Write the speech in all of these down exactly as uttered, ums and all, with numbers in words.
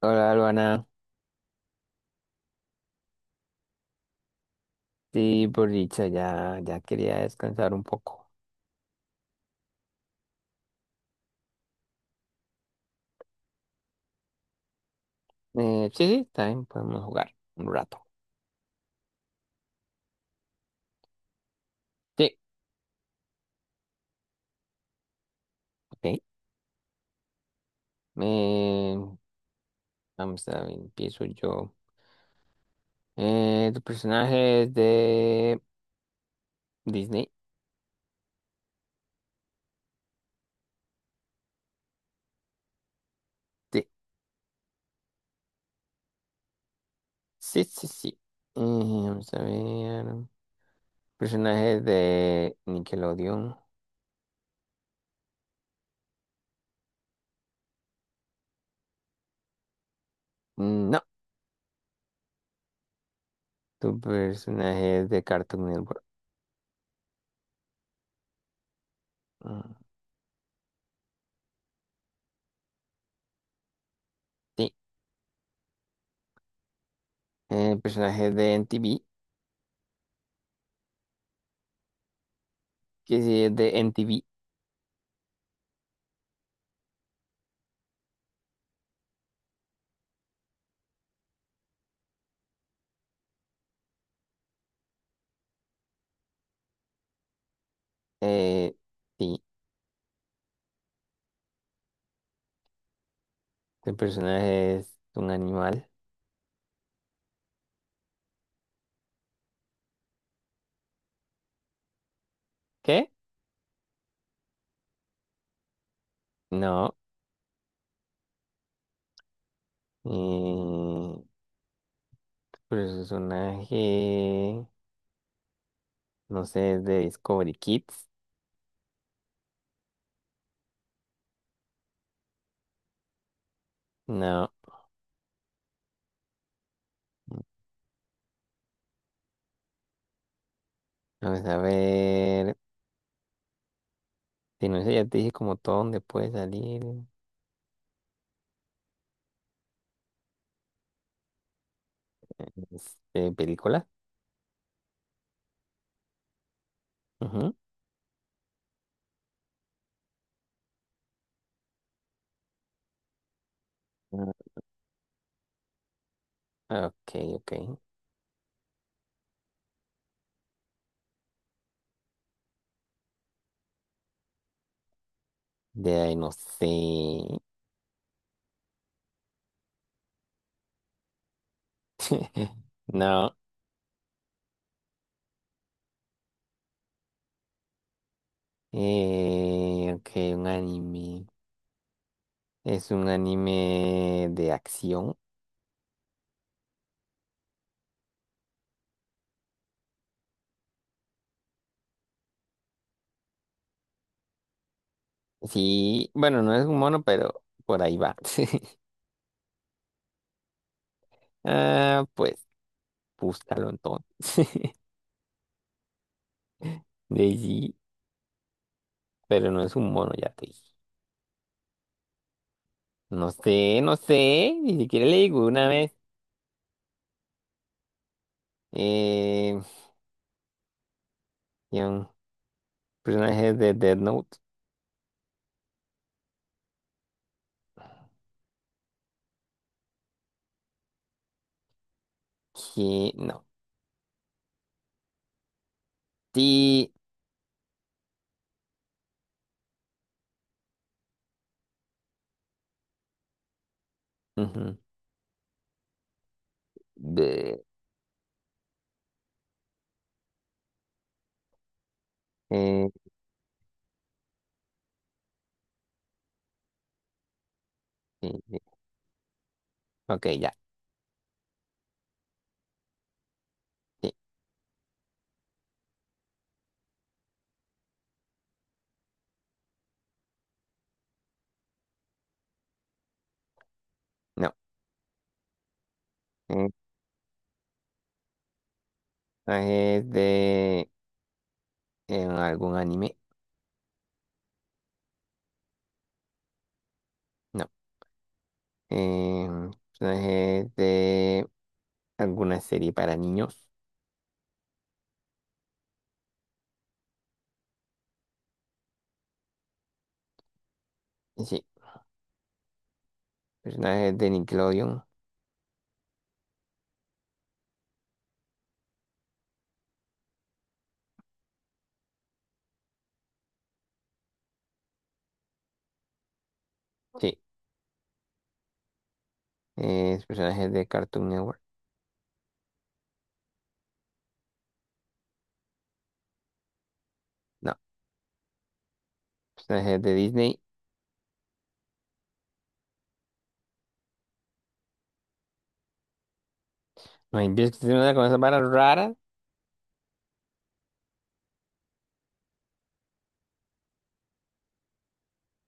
Hola, Luana. Sí, por dicha, ya, ya quería descansar un poco. Eh, sí, sí, también podemos jugar un rato. Sí, ok. Eh, Vamos a ver, empiezo yo. Eh, ¿tu personaje es de Disney? Sí, sí, sí, sí. Eh, vamos a ver. ¿Personaje es de Nickelodeon? Mm, no. ¿Tu personaje es de Cartoon Network? Mm, sí. Eh, ¿personaje es de N T V? Que sí, es de N T V. Eh, sí. ¿Tu personaje es un animal? ¿Qué? No. Eh, ¿Tu personaje, no sé, es de Discovery Kids? No. Vamos a ver. Si no sé, ya te dije como todo donde puede salir. Este, película. Ujú. Ah, ok, ok. De ahí no sé. No. Eh, ok, un anime. ¿Es un anime de acción? Sí, bueno, no es un mono, pero por ahí va. Ah, pues búscalo entonces. Daisy, pero no es un mono, ya te dije. No sé, no sé, ni siquiera le digo una vez. Eh, Había un personaje de Dead Note que no. Sí. Ujú, de- eh, sí, sí, ok, ya. Sí, no. Eh, Personajes de eh, algún anime. No. Eh, Personajes de ¿alguna serie para niños? Sí. ¿Personajes de Nickelodeon? Sí. Eh, ¿personajes de Cartoon Network? No. ¿Personajes de Disney? No empiezo a hacer una cosa para rara.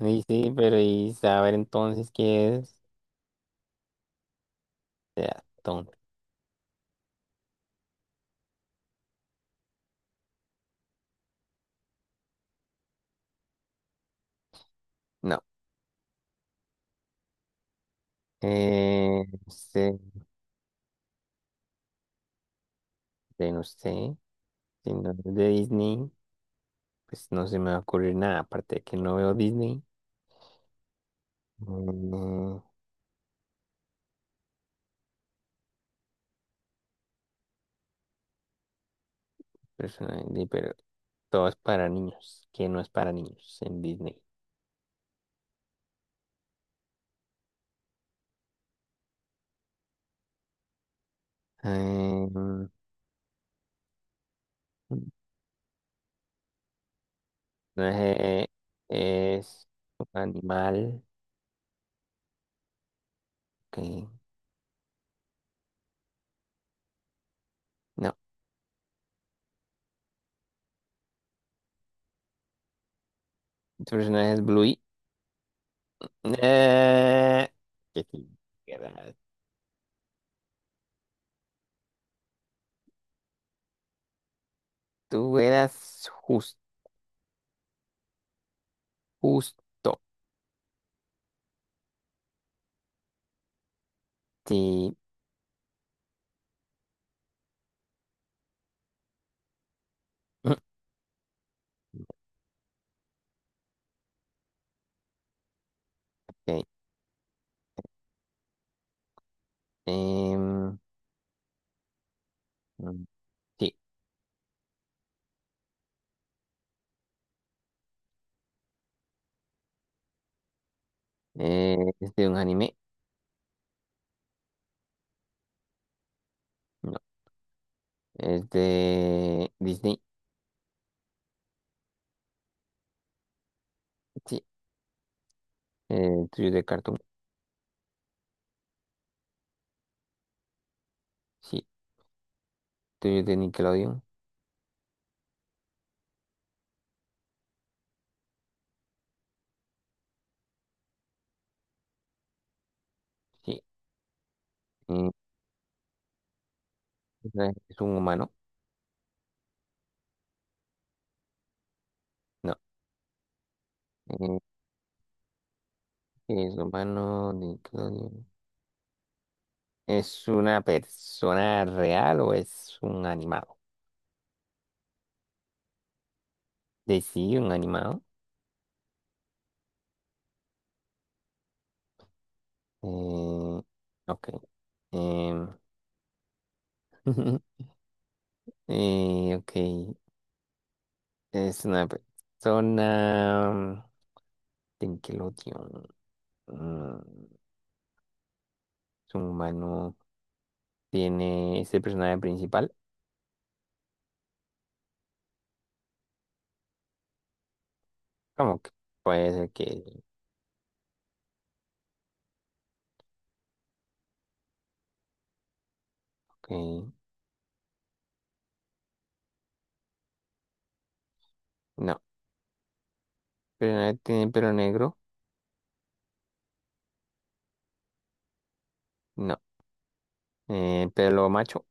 Sí, sí, pero y saber entonces qué es. Ya, tonto. No. Eh, no sé, de- no sé. Si no es de Disney, pues no se me va a ocurrir nada, aparte de que no veo Disney. Mm, eh, personajes de- pero todo es para niños, que no es para niños en Disney. Em, No es, eh, eh, es un animal que... No, tu personaje es Bluey. Eh, que sí, que era- tú eras jus- justo. Sí. Ok. Em, mm, sí. Eh, ¿es de un anime? No. ¿Es de Disney? Sí. Eh, ¿tuyo es de Cartoon? Sí. ¿Tuyo es de Nickelodeon? Sí. Eh, ¿Es un humano? No. Eh, ¿Es humano? Nickelodeon. ¿Es una persona real o es un animado? De sí, un animado. Eh, ok. em, eh, ok. Es una persona. Nickelodeon. Mm, es un humano. Tiene ese personaje principal. ¿Cómo que puede ser que. Ok, no. ¿Pero tiene pelo negro? No. Eh, ¿pelo macho?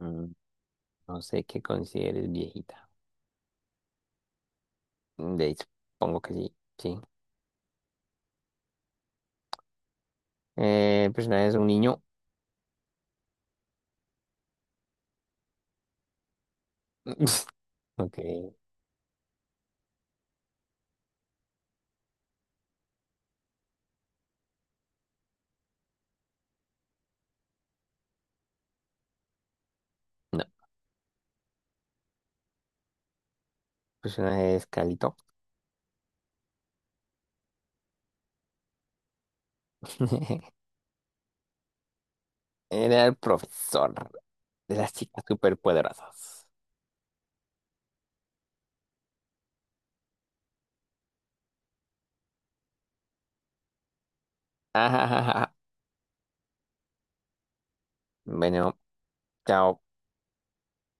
Mm, no sé qué consideres viejita. De, supongo que sí. Sí. Eh, el personaje es un niño. Ok, no. El personaje es Calito. Era el profesor de las chicas superpoderosas. Ajajaja. Bueno, chao.